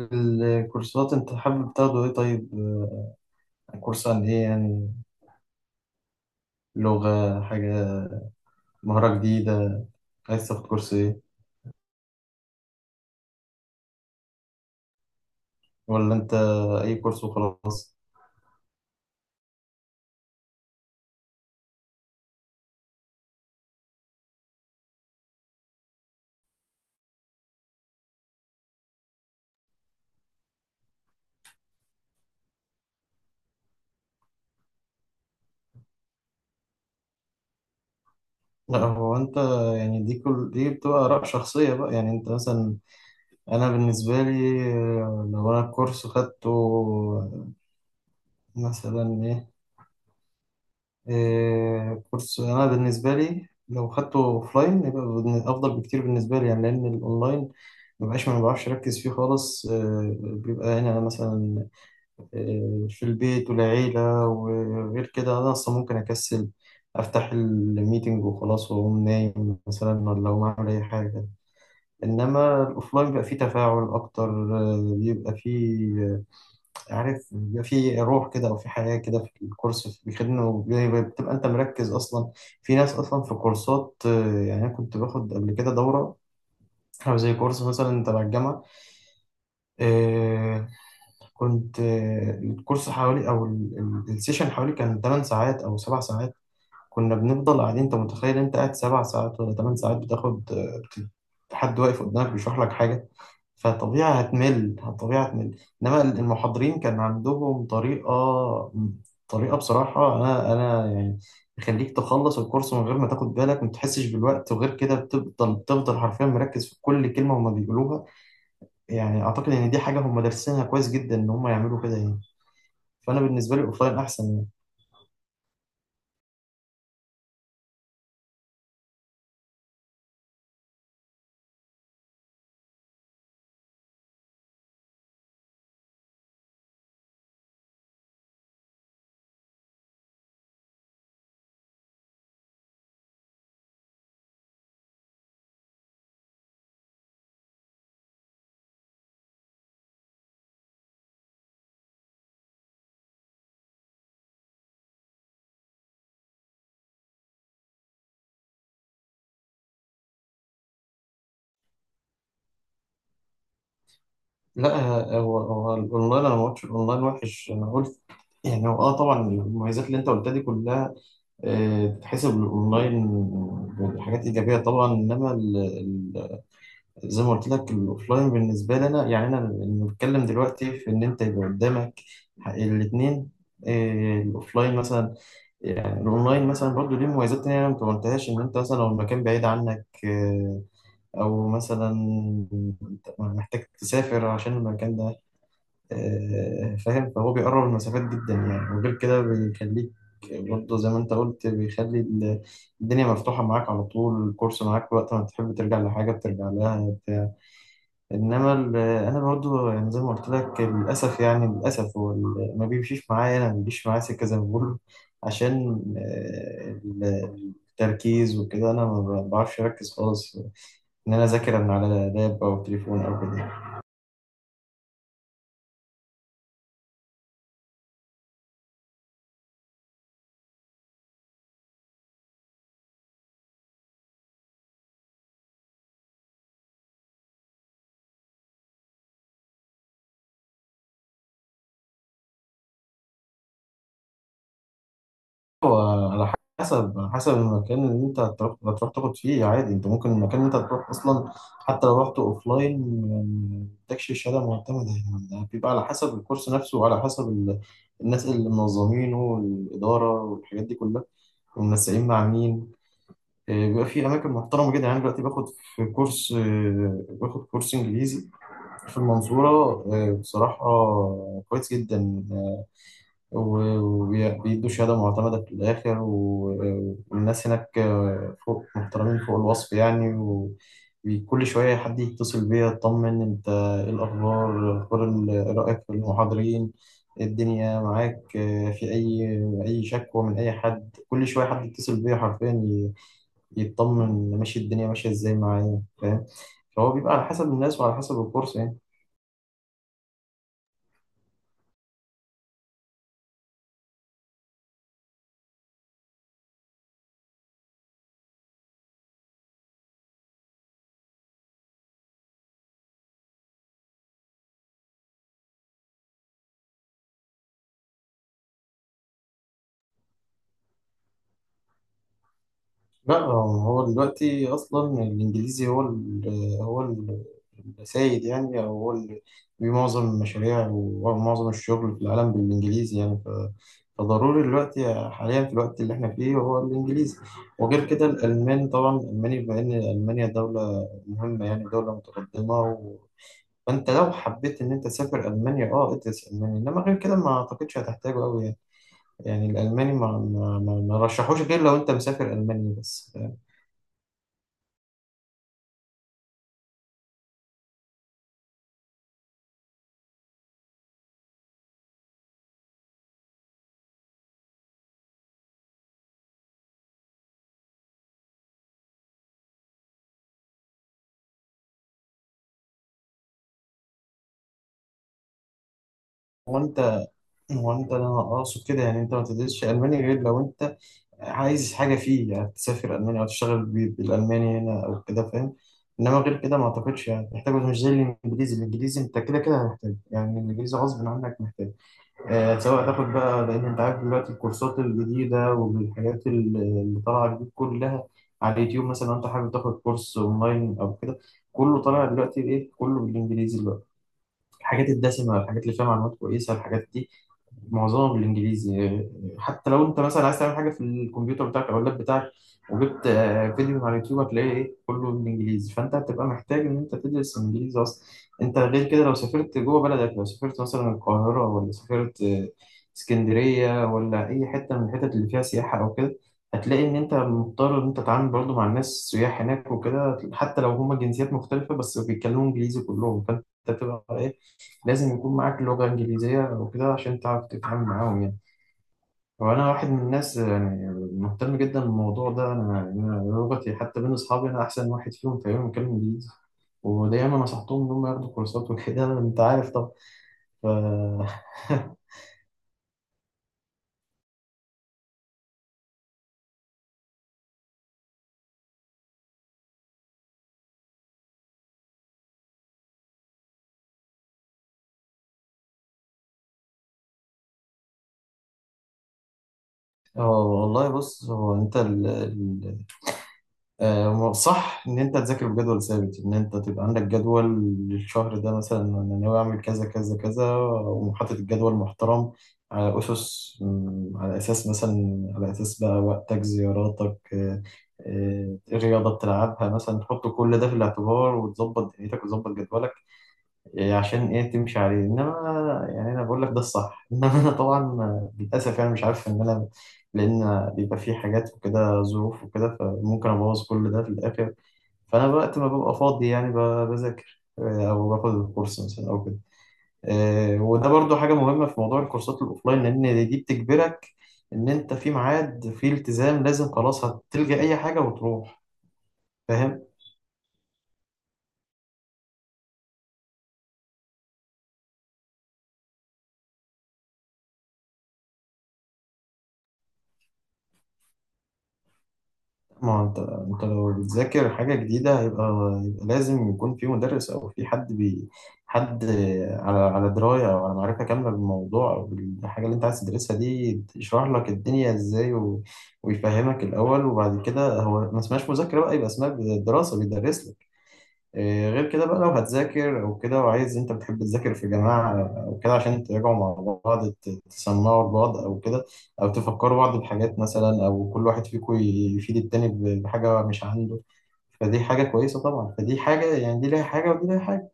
الكورسات انت حابب تاخده ايه؟ طيب، كورس عن ايه يعني؟ لغة، حاجة، مهارة جديدة؟ عايز تاخد كورس ايه؟ ولا انت اي كورس وخلاص؟ لا، هو يعني كل دي بتبقى آراء شخصية بقى. يعني انت مثلا، انا بالنسبة لي لو انا الكورس خدته مثلا ايه؟ كورس، أنا بالنسبة لي لو خدته أوفلاين يبقى أفضل بكتير بالنسبة لي، يعني لأن الأونلاين ما بعرفش أركز فيه خالص. بيبقى هنا مثلا في البيت والعيلة، وغير كده أنا أصلا ممكن أكسل، أفتح الميتنج وخلاص وأقوم نايم مثلا، ولا أقوم أعمل أي حاجة. إنما الأوفلاين بيبقى فيه تفاعل أكتر، بيبقى فيه، عارف، بيبقى في روح كده او في حياه كده في الكورس بيخدمه، بتبقى انت مركز اصلا. في ناس اصلا في كورسات، يعني انا كنت باخد قبل كده دوره او زي كورس مثلا تبع الجامعه. آه، كنت، الكورس حوالي السيشن حوالي كان 8 ساعات او 7 ساعات، كنا بنفضل قاعدين. انت متخيل انت قاعد سبع ساعات ولا ثمان ساعات حد واقف قدامك بيشرح لك حاجة؟ فطبيعي هتمل، طبيعي هتمل. انما المحاضرين كان عندهم طريقة، طريقة بصراحة انا يعني يخليك تخلص الكورس من غير ما تاخد بالك، ما تحسش بالوقت، وغير كده بتفضل حرفيا مركز في كل كلمة هما بيقولوها. يعني اعتقد ان دي حاجة هما دارسينها كويس جدا، ان هما يعملوا كده يعني. فانا بالنسبة لي الاوفلاين احسن يعني. لا، هو الاونلاين انا ما قلتش الاونلاين وحش، انا قلت يعني، هو اه طبعا المميزات اللي انت قلتها دي كلها تتحسب الاونلاين بحاجات ايجابيه طبعا. زي ما قلت لك الاوفلاين بالنسبه لي انا، يعني انا بنتكلم دلوقتي في ان انت يبقى قدامك الاثنين. الاوفلاين مثلا، يعني الاونلاين مثلا برضه ليه مميزات تانية أنا ما قلتهاش، ان انت مثلا لو المكان بعيد عنك او مثلا محتاج تسافر عشان المكان ده. فاهم، فهو بيقرب المسافات جدا يعني، وغير كده بيخليك برضه زي ما انت قلت الدنيا مفتوحة معاك على طول، الكورس معاك وقت ما تحب، ترجع لحاجة بترجع لها بتاع. انا برضه يعني زي ما قلت لك، للأسف يعني للأسف ما بيمشيش معايا، انا ما بيجيش معايا سكة زي ما بقول، عشان التركيز وكده انا ما بعرفش اركز خالص ان انا اذاكر من على لاب او تليفون او كده. هو على على حسب المكان اللي انت هتروح تاخد فيه عادي. انت ممكن المكان اللي انت هتروح اصلا حتى لو رحت اوف لاين ما تاخدش الشهاده معتمده، يعني بيبقى على حسب الكورس نفسه وعلى حسب ال... الناس اللي منظمينه والاداره والحاجات دي كلها، ومنسقين مع مين. اه، بيبقى في اماكن محترمه جدا يعني. دلوقتي باخد في كورس، اه، باخد كورس انجليزي في المنصوره، اه، بصراحه كويس جدا، وبيدوا شهادة معتمدة في الآخر. والناس هناك فوق محترمين فوق الوصف يعني، وكل شوية حد يتصل بيا يطمن أنت إيه الأخبار، رأيك في المحاضرين إيه، الدنيا معاك في أي شكوى من أي حد. كل شوية حد يتصل بيا حرفيا يطمن ماشي الدنيا ماشية إزاي معايا، فاهم. فهو بيبقى على حسب الناس وعلى حسب الكورس يعني. لا، هو دلوقتي اصلا الانجليزي هو السيد يعني، او هو اللي في معظم المشاريع ومعظم الشغل في العالم بالانجليزي يعني. فضروري دلوقتي حاليا في الوقت اللي احنا فيه هو الانجليزي. وغير كده الالمان طبعا، الالماني بما ان المانيا دوله مهمه يعني، دوله متقدمه، و... فانت لو حبيت ان انت تسافر المانيا اه ادرس الماني. انما غير كده ما اعتقدش هتحتاجه قوي يعني. يعني الالماني ما رشحوش غير لو انت مسافر المانيا بس. هو انت هو انت انا اقصد كده يعني، انت ما تدرسش الماني غير لو انت عايز حاجه فيه، يعني تسافر المانيا او تشتغل بالالماني هنا او كده، فاهم. انما غير كده ما اعتقدش يعني محتاجه، مش زي الانجليزي. الانجليزي انت كده كده هتحتاج يعني، الانجليزي غصب عنك محتاج، آه، سواء تاخد بقى، لان انت عارف دلوقتي الكورسات الجديده اللي طالعه جديد كلها على اليوتيوب مثلا، لو انت حابب تاخد كورس اونلاين او كده كله طالع دلوقتي ايه كله بالانجليزي دلوقتي. الحاجات الدسمه، الحاجات اللي فيها معلومات كويسه، الحاجات دي معظمها بالانجليزي. حتى لو انت مثلا عايز تعمل حاجه في الكمبيوتر بتاعك او اللاب بتاعك وجبت فيديو على اليوتيوب هتلاقيه ايه كله بالانجليزي، فانت هتبقى محتاج ان انت تدرس انجليزي اصلا. انت غير كده لو سافرت جوه بلدك، لو سافرت مثلا القاهره ولا سافرت اسكندريه ولا اي حته من الحتت اللي فيها سياحه او كده، هتلاقي ان انت مضطر ان انت تتعامل برضه مع الناس السياح هناك وكده، حتى لو هما جنسيات مختلفه بس بيتكلموا انجليزي كلهم، فانت بتبقى ايه لازم يكون معاك لغة إنجليزية وكده عشان تعرف تتعامل معاهم يعني. وأنا واحد من الناس يعني مهتم جدا بالموضوع ده، أنا يعني أنا لغتي حتى بين أصحابي أنا أحسن واحد فيهم تقريبا بيتكلم إنجليزي، ودايما نصحتهم إن هم ياخدوا كورسات وكده أنت عارف طبعا. ف... اه والله بص، هو انت صح ان انت تذاكر بجدول ثابت، ان انت تبقى عندك جدول للشهر ده مثلا، انا ناوي اعمل كذا كذا كذا، وحاطط الجدول محترم على اسس، على اساس مثلا، على اساس بقى وقتك، زياراتك، الرياضه بتلعبها مثلا، تحط كل ده في الاعتبار وتظبط دنيتك وتظبط جدولك إيه عشان ايه تمشي عليه. انما يعني انا بقول لك ده الصح انما انا طبعا للاسف يعني مش عارف ان انا، لان بيبقى في حاجات وكده، ظروف وكده، فممكن ابوظ كل ده في الاخر. فانا وقت ما ببقى فاضي يعني بذاكر، او باخد الكورس مثلا او كده. وده برضو حاجه مهمه في موضوع الكورسات الاوفلاين، لان دي بتجبرك ان انت في ميعاد، في التزام لازم، خلاص هتلجأ اي حاجه وتروح، فاهم. ما هو انت لو بتذاكر حاجة جديدة هيبقى لازم يكون في مدرس او في حد على دراية او على معرفة كاملة بالموضوع او بالحاجة اللي انت عايز تدرسها دي، يشرح لك الدنيا ازاي و... ويفهمك الاول. وبعد كده هو ما اسمهاش مذاكرة بقى، يبقى اسمها دراسة، بيدرس لك. إيه، غير كده بقى لو هتذاكر او كده وعايز، انت بتحب تذاكر في جماعه او كده عشان تراجعوا مع بعض، تسمعوا لبعض او كده، او تفكروا بعض بحاجات مثلا، او كل واحد فيكم يفيد التاني بحاجه مش عنده، فدي حاجه كويسه طبعا. فدي حاجه يعني، دي ليها حاجه ودي ليها حاجه.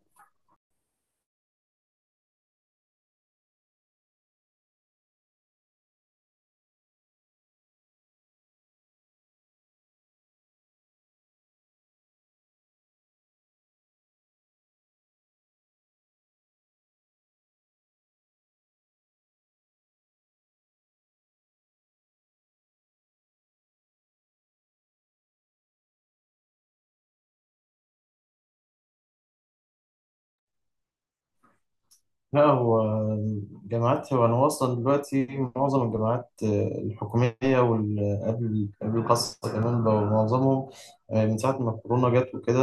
لا، هو الجامعات، هو أنا واصلا دلوقتي معظم الجامعات الحكومية قبل، قبل الخاصة كمان بقوا معظمهم من ساعة ما الكورونا جت وكده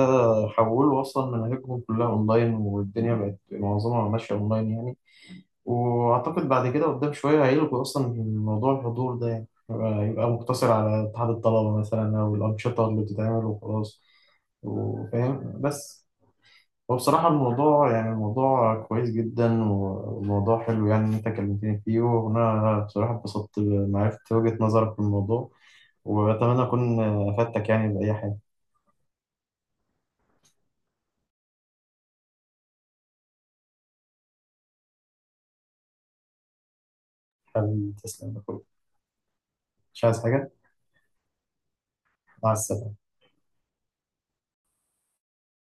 حولوا أصلا مناهجهم كلها أونلاين، والدنيا بقت معظمها ماشية أونلاين يعني. وأعتقد بعد كده قدام شوية هيلغوا أصلا موضوع الحضور ده يعني، هيبقى يبقى مقتصر على اتحاد الطلبة مثلا أو الأنشطة اللي بتتعمل وخلاص، وفاهم بس. هو بصراحة الموضوع يعني الموضوع كويس جدا وموضوع حلو، يعني إن أنت كلمتني فيه، وأنا بصراحة اتبسطت معرفت وجهة نظرك في الموضوع، وأتمنى أكون أفدتك يعني بأي حاجة. حبيبي تسلم يا أخوي. مش عايز حاجة. مع السلامة.